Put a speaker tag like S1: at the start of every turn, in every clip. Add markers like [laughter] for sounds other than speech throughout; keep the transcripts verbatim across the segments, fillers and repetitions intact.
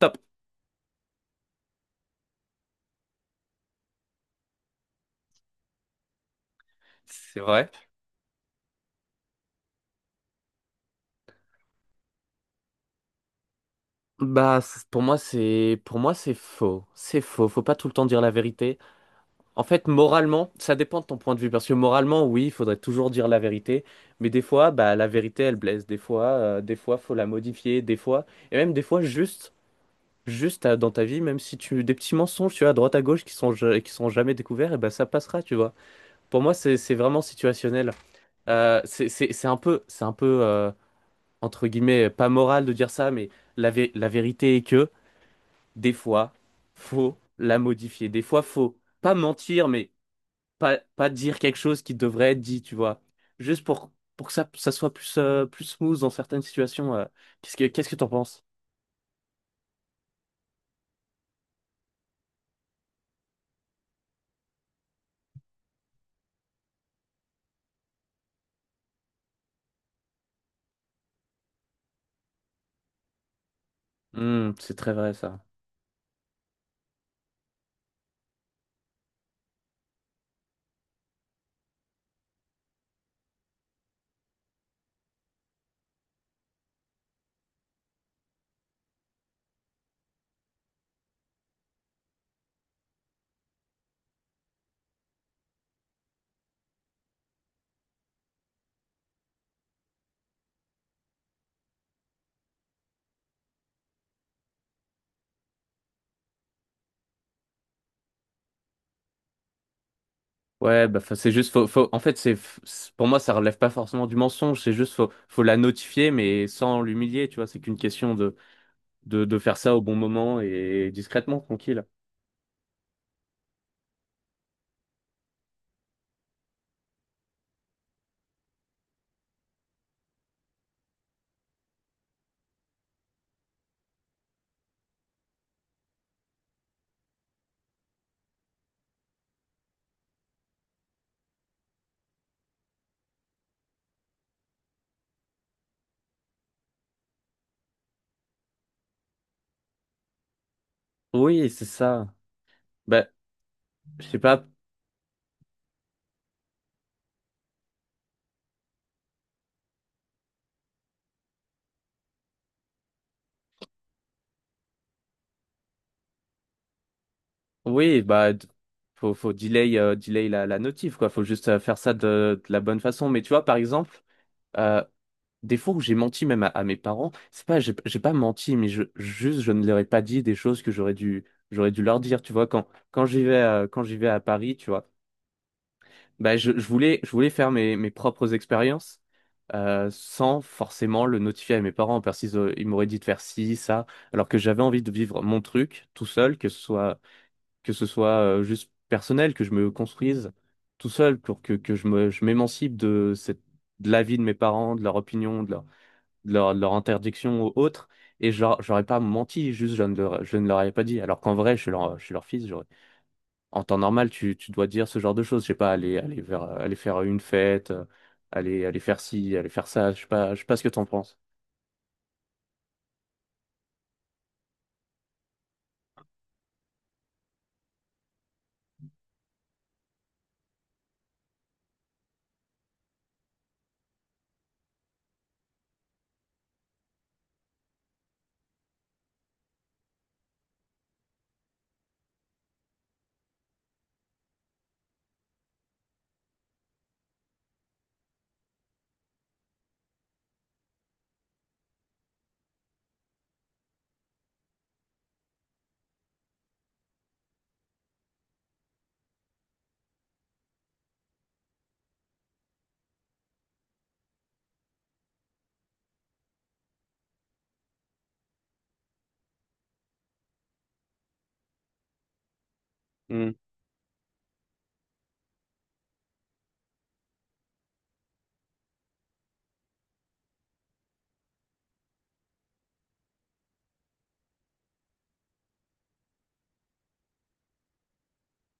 S1: Top. C'est vrai. Bah, c- pour moi, c'est pour moi, c'est faux. C'est faux. Faut pas tout le temps dire la vérité. En fait, moralement, ça dépend de ton point de vue. Parce que moralement, oui, il faudrait toujours dire la vérité. Mais des fois, bah, la vérité, elle blesse. Des fois, euh, des fois, faut la modifier. Des fois, et même des fois, juste, juste euh, dans ta vie, même si tu des petits mensonges, tu vois, à droite à gauche, qui sont ja- qui sont jamais découverts, et bah, ça passera, tu vois. Pour moi, c'est c'est vraiment situationnel. Euh, c'est c'est c'est un peu, c'est un peu. Euh, entre guillemets, euh, pas moral de dire ça, mais la, vé- la vérité est que des fois, faut la modifier. Des fois, faut pas mentir, mais pas, pas dire quelque chose qui devrait être dit, tu vois. Juste pour, pour que ça, ça soit plus, euh, plus smooth dans certaines situations. euh. Qu'est-ce que, qu'est-ce que t'en penses? Hmm, c'est très vrai, ça. Ouais, bah, faut- c'est juste, faut, faut- en fait, c'est, c'est- pour moi ça relève pas forcément du mensonge, c'est juste, faut, faut la notifier, mais sans l'humilier, tu vois, c'est qu'une question de, de, de faire ça au bon moment et discrètement, tranquille. Oui, c'est ça. Bah, je sais pas. Oui, bah, d- Faut, faut delay, euh, delay la, la notif, quoi. Faut juste euh, faire ça de, de la bonne façon. Mais tu vois, par exemple, euh, des fois où j'ai menti même à, à mes parents, c'est pas, j'ai j'ai pas menti, mais je, juste, je ne leur ai pas dit des choses que j'aurais dû, j'aurais dû leur dire. Tu vois, quand, quand j'y vais, euh, quand j'y vais à Paris, tu vois, bah, je, je voulais, je voulais faire mes, mes propres expériences. Euh, sans forcément le notifier à mes parents, parce qu'ils euh, ils m'auraient dit de faire ci, ça, alors que j'avais envie de vivre mon truc tout seul, que ce soit que ce soit euh, juste personnel, que je me construise tout seul pour que, que je me, je m'émancipe de cette, de l'avis de mes parents, de leur opinion, de leur, de leur, de leur interdiction ou autre. Et je leur- j'aurais pas menti, juste je ne leur, je ne leur avais pas dit. Alors qu'en vrai, je suis leur, je suis leur fils. j'aurais- En temps normal, tu, tu dois dire ce genre de choses. Je sais pas, aller, aller vers, aller faire une fête, euh, aller, aller faire ci, aller faire ça. Je sais pas, je sais pas ce que t'en penses.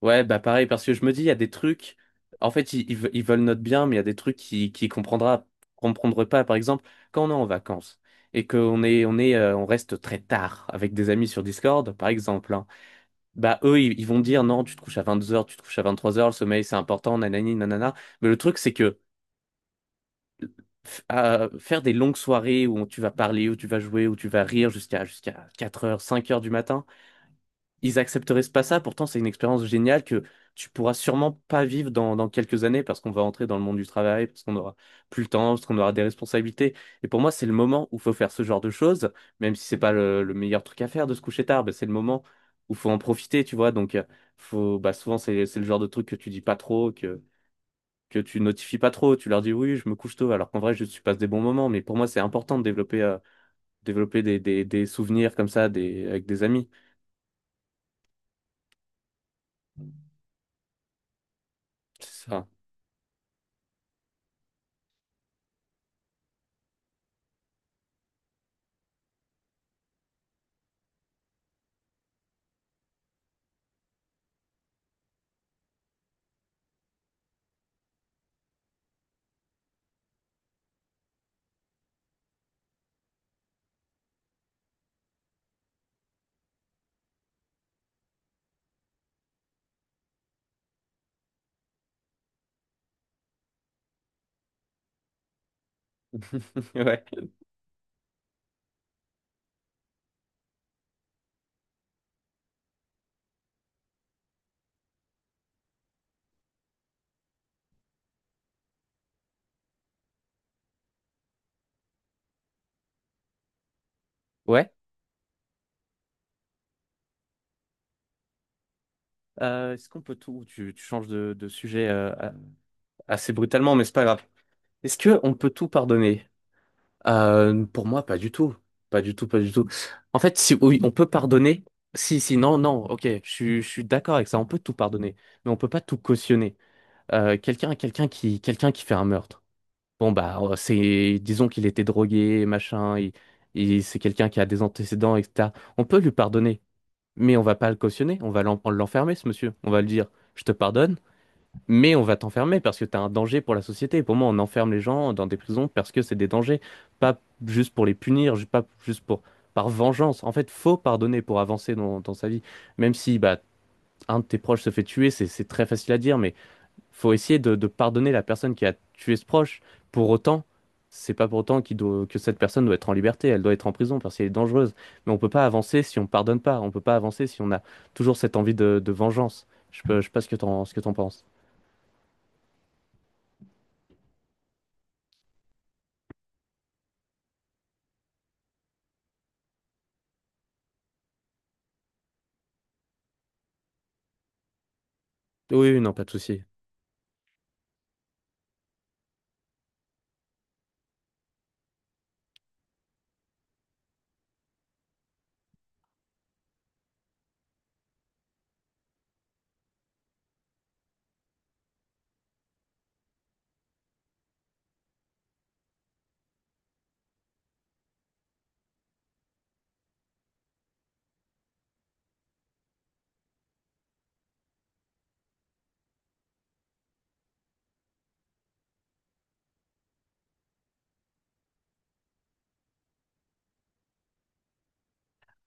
S1: Ouais, bah pareil, parce que je me dis, il y a des trucs. En fait, ils, ils ve- ils veulent notre bien, mais il y a des trucs qui, qui comprendra, comprendra pas. Par exemple, quand on est en vacances et qu'on est, on est, euh, on reste très tard avec des amis sur Discord, par exemple, hein, bah eux, ils, ils vont dire non, tu te couches à vingt-deux heures, tu te couches à vingt-trois heures, le sommeil c'est important, nanani, nanana. Mais le truc, c'est que f- euh, faire des longues soirées où tu vas parler, où tu vas jouer, où tu vas rire jusqu'à jusqu'à quatre heures cinq heures du matin, ils accepteraient pas ça. Pourtant, c'est une expérience géniale que tu pourras sûrement pas vivre dans, dans quelques années parce qu'on va entrer dans le monde du travail, parce qu'on aura plus le temps, parce qu'on aura des responsabilités. Et pour moi, c'est le moment où faut faire ce genre de choses, même si c'est pas le, le meilleur truc à faire de se coucher tard, bah, c'est le moment où faut en profiter, tu vois. Donc, euh, faut, bah, souvent, c'est, c'est le genre de truc que tu dis pas trop, que, que tu notifies pas trop. Tu leur dis oui, je me couche tôt, alors qu'en vrai, je tu passes des bons moments. Mais pour moi, c'est important de développer, euh, développer des, des, des souvenirs comme ça, des, avec des amis. C'est ça. [laughs] Ouais. Ouais. Euh, est-ce qu'on peut tout... Tu, tu changes de, de sujet euh, a- assez brutalement, mais c'est pas grave. Est-ce que on peut tout pardonner? Euh, pour moi, pas du tout. Pas du tout, pas du tout. En fait, si oui, on peut pardonner. Si, si, non, non, ok, je, suis- je suis d'accord avec ça. On peut tout pardonner, mais on peut pas tout cautionner. Euh, quelqu'un, quelqu'un qui, quelqu'un qui fait un meurtre. Bon bah, euh, c'est, disons qu'il était drogué, machin. Et il- c'est quelqu'un qui a des antécédents, et cetera. On peut lui pardonner, mais on va pas le cautionner. On va l'en- l'enfermer, ce monsieur. On va lui dire, je te pardonne. Mais on va t'enfermer parce que t'as un danger pour la société. Pour moi, on enferme les gens dans des prisons parce que c'est des dangers, pas juste pour les punir, ju- pas juste pour par vengeance. En fait, faut pardonner pour avancer dans, dans sa vie. Même si bah un de tes proches se fait tuer, c'est c'est très facile à dire, mais faut essayer de, de pardonner la personne qui a tué ce proche. Pour autant, c'est pas pour autant qu'il doit, que cette personne doit être en liberté. Elle doit être en prison parce qu'elle est dangereuse. Mais on peut pas avancer si on pardonne pas. On peut pas avancer si on a toujours cette envie de, de vengeance. Je peux, je sais pas ce que t'en, ce que t'en penses. Oui, oui, non, pas de souci.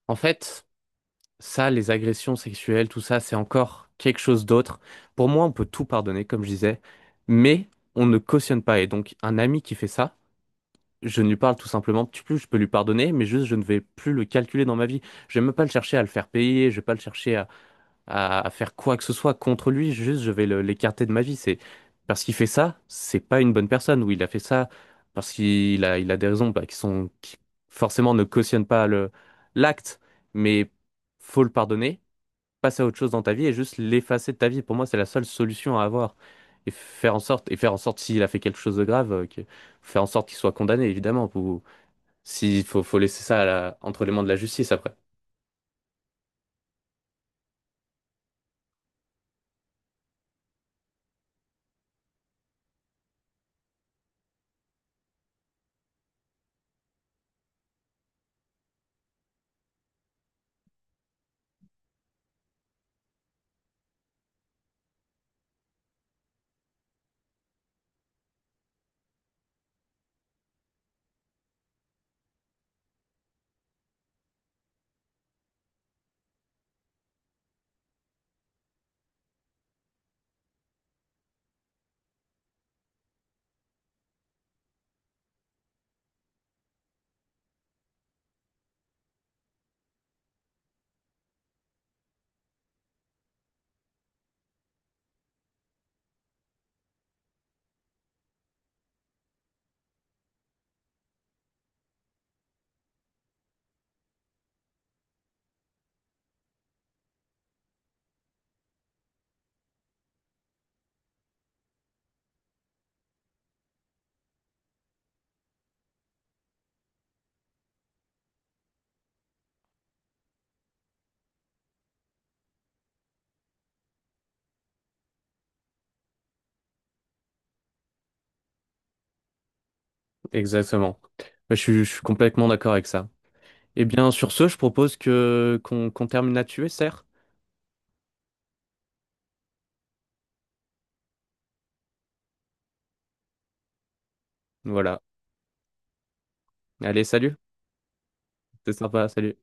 S1: En fait, ça, les agressions sexuelles, tout ça, c'est encore quelque chose d'autre. Pour moi, on peut tout pardonner, comme je disais, mais on ne cautionne pas. Et donc, un ami qui fait ça, je ne lui parle tout simplement tu plus, je peux lui pardonner, mais juste, je ne vais plus le calculer dans ma vie. Je vais même pas le chercher à le faire payer, je vais pas le chercher à, à, à faire quoi que ce soit contre lui, juste je vais le- l'écarter de ma vie. C'est parce qu'il fait ça, c'est pas une bonne personne, ou il a fait ça parce qu'il a, il a des raisons bah, qui sont qui forcément ne cautionnent pas le l'acte, mais faut le pardonner, passer à autre chose dans ta vie et juste l'effacer de ta vie. Pour moi, c'est la seule solution à avoir. Et faire en sorte, et faire en sorte s'il a fait quelque chose de grave, euh, que- faire en sorte qu'il soit condamné, évidemment. Pour, s'il faut, faut laisser ça à la- entre les mains de la justice après. Exactement. Je suis, je suis complètement d'accord avec ça. Eh bien, sur ce, je propose que qu'on qu'on termine là-dessus, serre. Voilà. Allez, salut. C'est sympa, salut.